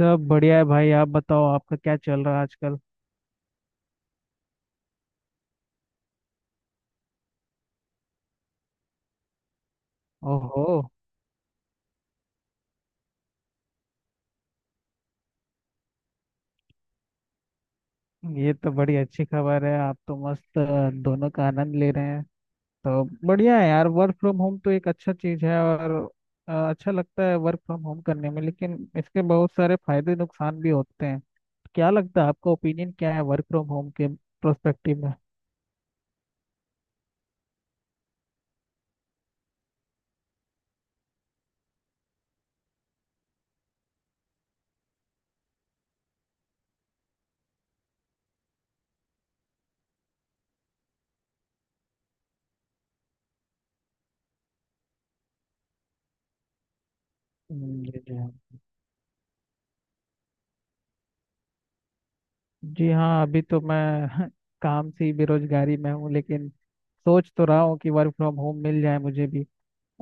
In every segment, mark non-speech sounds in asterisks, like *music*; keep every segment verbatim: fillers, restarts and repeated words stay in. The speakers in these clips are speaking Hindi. सब बढ़िया है भाई। आप बताओ, आपका क्या चल रहा है आजकल? ओहो, ये तो बड़ी अच्छी खबर है। आप तो मस्त अ, दोनों का आनंद ले रहे हैं। तो बढ़िया है यार, वर्क फ्रॉम होम तो एक अच्छा चीज है। और अ, अच्छा लगता है वर्क फ्रॉम होम करने में, लेकिन इसके बहुत सारे फायदे नुकसान भी होते हैं। क्या लगता है, आपका ओपिनियन क्या है वर्क फ्रॉम होम के प्रोस्पेक्टिव में? हम्म, जी जी हाँ। जी हाँ, अभी तो मैं *laughs* काम से ही बेरोजगारी में हूँ, लेकिन सोच तो रहा हूँ कि वर्क फ्रॉम होम मिल जाए मुझे भी।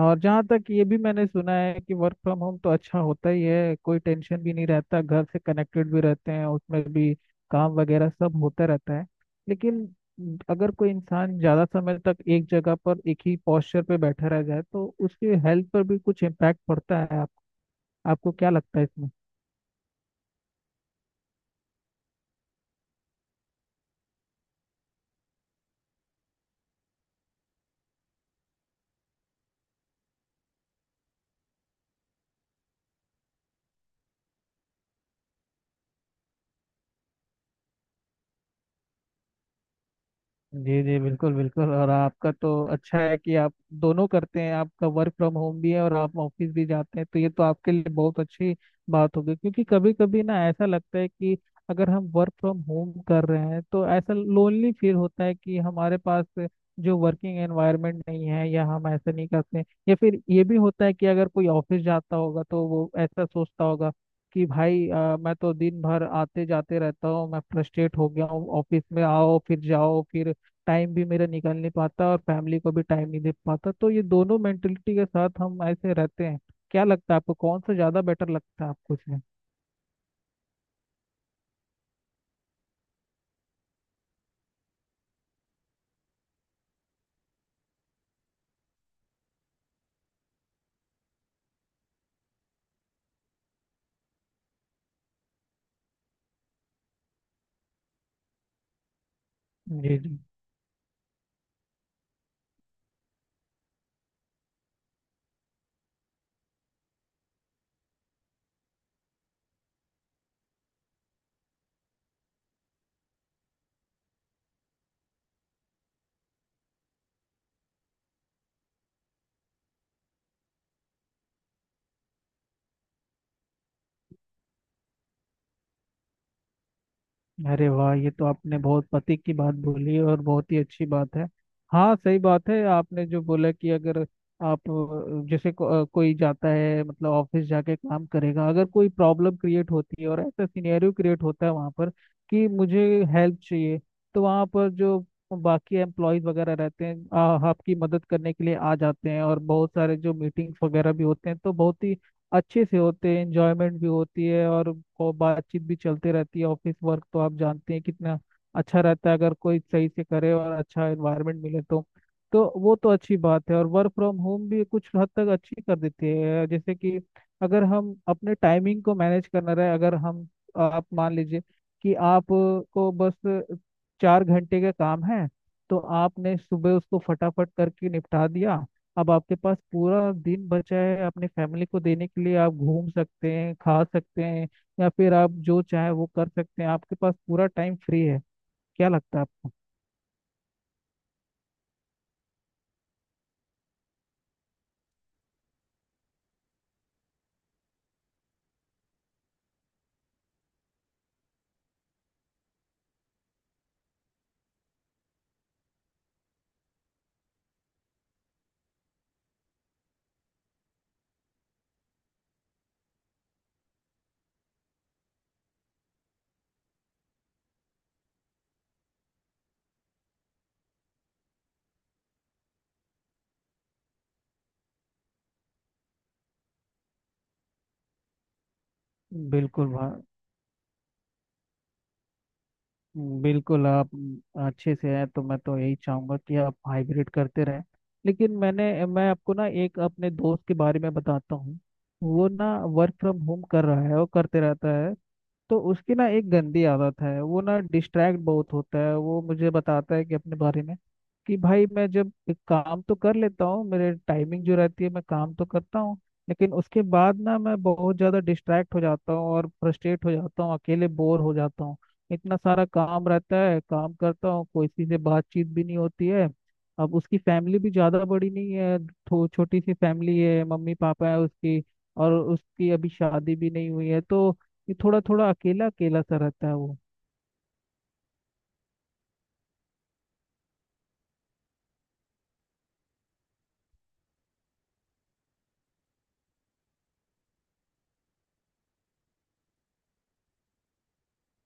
और जहाँ तक ये भी मैंने सुना है कि वर्क फ्रॉम होम तो अच्छा होता ही है, कोई टेंशन भी नहीं रहता, घर से कनेक्टेड भी रहते हैं, उसमें भी काम वगैरह सब होता रहता है। लेकिन अगर कोई इंसान ज़्यादा समय तक एक जगह पर एक ही पोस्चर पे बैठा रह जाए तो उसके हेल्थ पर भी कुछ इम्पैक्ट पड़ता है। आप, आपको क्या लगता है इसमें? जी जी बिल्कुल बिल्कुल। और आपका तो अच्छा है कि आप दोनों करते हैं, आपका वर्क फ्रॉम होम भी है और आप ऑफिस भी जाते हैं, तो ये तो आपके लिए बहुत अच्छी बात होगी। क्योंकि कभी कभी ना ऐसा लगता है कि अगर हम वर्क फ्रॉम होम कर रहे हैं तो ऐसा लोनली फील होता है कि हमारे पास जो वर्किंग एनवायरनमेंट नहीं है या हम ऐसा नहीं करते हैं। या फिर ये भी होता है कि अगर कोई ऑफिस जाता होगा तो वो ऐसा सोचता होगा कि भाई अ, मैं तो दिन भर आते जाते रहता हूँ, मैं फ्रस्ट्रेट हो गया हूँ, ऑफिस में आओ फिर जाओ फिर टाइम भी मेरा निकाल नहीं पाता और फैमिली को भी टाइम नहीं दे पाता। तो ये दोनों मेंटेलिटी के साथ हम ऐसे रहते हैं। क्या लगता है आपको, कौन सा ज्यादा बेटर लगता है आपको इसमें? जी जी। अरे वाह, ये तो आपने बहुत पति की बात बोली और बहुत ही अच्छी बात है। हाँ सही बात है आपने जो बोला कि अगर आप अ, जैसे को, अ, कोई जाता है, मतलब ऑफिस जाके काम करेगा, अगर कोई प्रॉब्लम क्रिएट होती है और ऐसा सिनेरियो क्रिएट होता है वहाँ पर कि मुझे हेल्प चाहिए, तो वहाँ पर जो बाकी एम्प्लॉयज वगैरह रहते हैं आ, आपकी मदद करने के लिए आ जाते हैं। और बहुत सारे जो मीटिंग्स वगैरह भी होते हैं तो बहुत ही अच्छे से होते हैं, एंजॉयमेंट भी होती है और को बातचीत भी चलते रहती है। ऑफिस वर्क तो आप जानते हैं कितना अच्छा रहता है अगर कोई सही से करे और अच्छा एनवायरनमेंट मिले तो। तो वो तो अच्छी बात है। और वर्क फ्रॉम होम भी कुछ हद तक अच्छी कर देती है, जैसे कि अगर हम अपने टाइमिंग को मैनेज करना रहे, अगर हम, आप मान लीजिए कि आप को बस चार घंटे का काम है, तो आपने सुबह उसको फटाफट करके निपटा दिया, अब आपके पास पूरा दिन बचा है अपनी फैमिली को देने के लिए। आप घूम सकते हैं, खा सकते हैं, या फिर आप जो चाहे वो कर सकते हैं, आपके पास पूरा टाइम फ्री है। क्या लगता है आपको? बिल्कुल भाई, बिल्कुल। आप अच्छे से हैं तो मैं तो यही चाहूंगा कि आप हाइब्रिड करते रहें। लेकिन मैंने मैं आपको ना एक अपने दोस्त के बारे में बताता हूँ। वो ना वर्क फ्रॉम होम कर रहा है, वो करते रहता है। तो उसकी ना एक गंदी आदत है, वो ना डिस्ट्रैक्ट बहुत होता है। वो मुझे बताता है कि अपने बारे में कि भाई मैं जब एक काम तो कर लेता हूँ, मेरे टाइमिंग जो रहती है मैं काम तो करता हूँ, लेकिन उसके बाद ना मैं बहुत ज़्यादा डिस्ट्रैक्ट हो जाता हूँ और फ्रस्ट्रेट हो जाता हूँ, अकेले बोर हो जाता हूँ। इतना सारा काम रहता है, काम करता हूँ, कोई किसी से बातचीत भी नहीं होती है। अब उसकी फैमिली भी ज़्यादा बड़ी नहीं है, थो- छोटी सी फैमिली है, मम्मी पापा है उसकी, और उसकी अभी शादी भी नहीं हुई है। तो ये थोड़ा थोड़ा अकेला अकेला सा रहता है वो।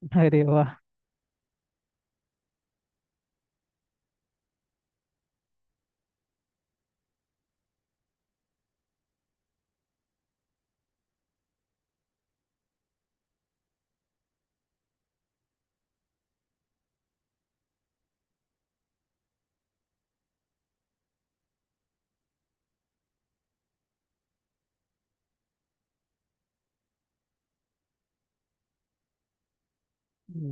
*laughs* अरे वाह।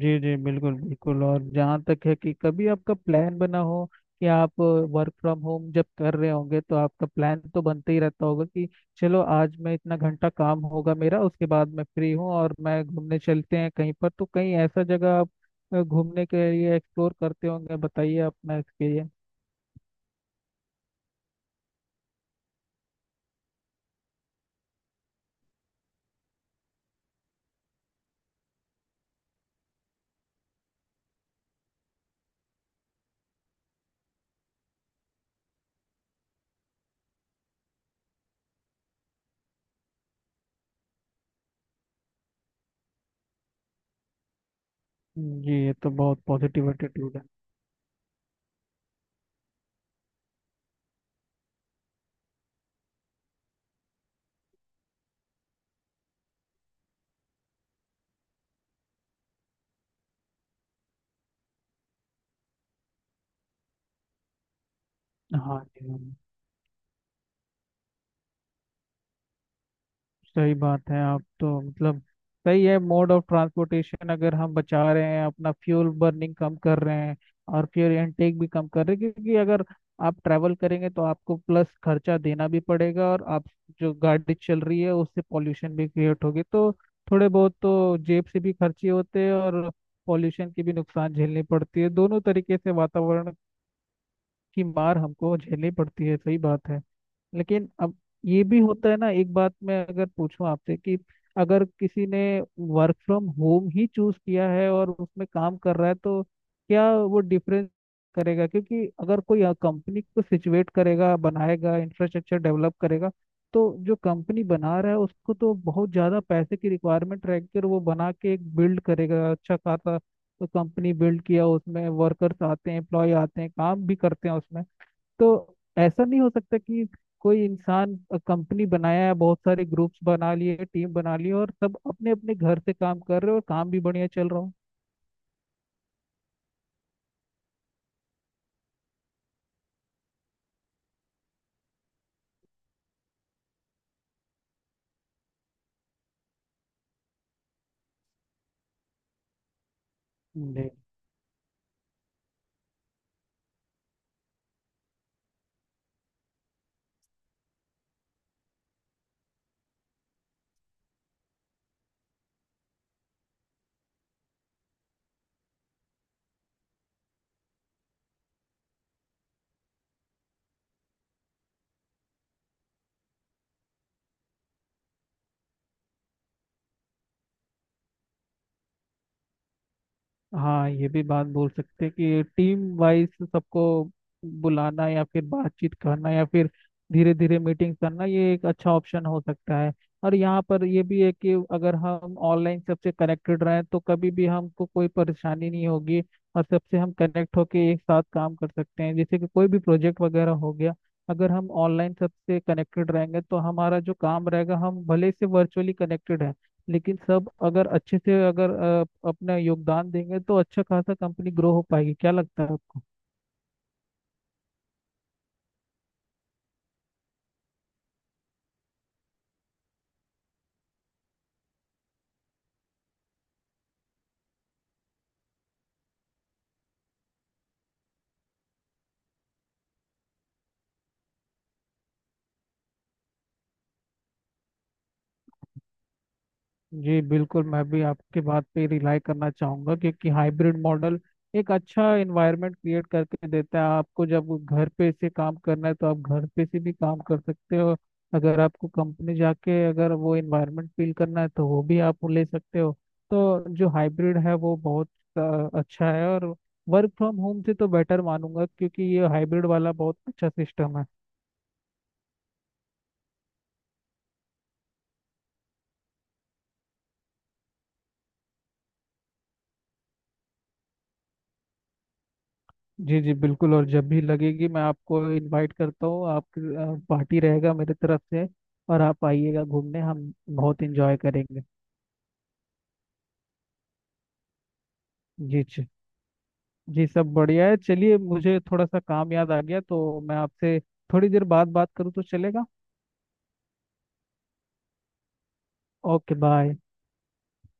जी जी बिल्कुल बिल्कुल। और जहाँ तक है कि कभी आपका प्लान बना हो कि आप वर्क फ्रॉम होम जब कर रहे होंगे, तो आपका प्लान तो बनते ही रहता होगा कि चलो आज मैं इतना घंटा काम होगा मेरा, उसके बाद मैं फ्री हूँ और मैं घूमने चलते हैं कहीं पर। तो कहीं ऐसा जगह आप अ, घूमने के लिए एक्सप्लोर करते होंगे, बताइए अपना एक्सपीरियंस। जी, ये तो बहुत पॉजिटिव एटीट्यूड है। हाँ जी हाँ, सही बात है। आप तो मतलब सही है, मोड ऑफ ट्रांसपोर्टेशन अगर हम बचा रहे हैं, अपना फ्यूल बर्निंग कम कर रहे हैं और फ्यूल इनटेक भी कम कर रहे हैं, क्योंकि अगर आप ट्रैवल करेंगे तो आपको प्लस खर्चा देना भी पड़ेगा और आप, जो गाड़ी चल रही है उससे पॉल्यूशन भी क्रिएट होगी। तो थोड़े बहुत तो जेब से भी खर्चे होते हैं और पॉल्यूशन की भी नुकसान झेलनी पड़ती है, दोनों तरीके से वातावरण की मार हमको झेलनी पड़ती है। सही बात है। लेकिन अब ये भी होता है ना, एक बात मैं अगर पूछूं आपसे कि अगर किसी ने वर्क फ्रॉम होम ही चूज किया है और उसमें काम कर रहा है, तो क्या वो डिफरेंस करेगा? क्योंकि अगर कोई कंपनी को सिचुएट करेगा, बनाएगा, इंफ्रास्ट्रक्चर डेवलप करेगा, तो जो कंपनी बना रहा है उसको तो बहुत ज़्यादा पैसे की रिक्वायरमेंट रह कर वो बना के एक बिल्ड करेगा अच्छा खासा। तो कंपनी बिल्ड किया, उसमें वर्कर्स आते हैं, एम्प्लॉय आते हैं, काम भी करते हैं उसमें। तो ऐसा नहीं हो सकता कि कोई इंसान कंपनी बनाया है, बहुत सारे ग्रुप्स बना लिए, टीम बना लिए और सब अपने अपने घर से काम कर रहे हो और काम भी बढ़िया चल रहा हो। हाँ ये भी बात बोल सकते हैं कि टीम वाइज सबको बुलाना या फिर बातचीत करना या फिर धीरे धीरे मीटिंग करना, ये एक अच्छा ऑप्शन हो सकता है। और यहाँ पर ये भी है कि अगर हम ऑनलाइन सबसे कनेक्टेड रहें तो कभी भी हमको कोई परेशानी नहीं होगी, और सबसे हम कनेक्ट होके एक साथ काम कर सकते हैं। जैसे कि कोई भी प्रोजेक्ट वगैरह हो गया, अगर हम ऑनलाइन सबसे कनेक्टेड रहेंगे तो हमारा जो काम रहेगा, हम भले से वर्चुअली कनेक्टेड हैं लेकिन सब अगर अच्छे से अगर अ, अपना योगदान देंगे तो अच्छा खासा कंपनी ग्रो हो पाएगी। क्या लगता है आपको? जी बिल्कुल, मैं भी आपके बात पे रिलाई करना चाहूंगा क्योंकि हाइब्रिड मॉडल एक अच्छा एनवायरनमेंट क्रिएट करके देता है आपको। जब घर पे से काम करना है तो आप घर पे से भी काम कर सकते हो, अगर आपको कंपनी जाके अगर वो एनवायरनमेंट फील करना है तो वो भी आप ले सकते हो। तो जो हाइब्रिड है वो बहुत अ, अच्छा है। और वर्क फ्रॉम होम से तो बेटर मानूंगा, क्योंकि ये हाइब्रिड वाला बहुत अच्छा सिस्टम है। जी जी बिल्कुल। और जब भी लगेगी मैं आपको इनवाइट करता हूँ, आप, पार्टी रहेगा मेरे तरफ से और आप आइएगा घूमने, हम बहुत एंजॉय करेंगे। जी जी। जी सब बढ़िया है। चलिए, मुझे थोड़ा सा काम याद आ गया, तो मैं आपसे थोड़ी देर बाद बात करूँ तो चलेगा? Okay bye.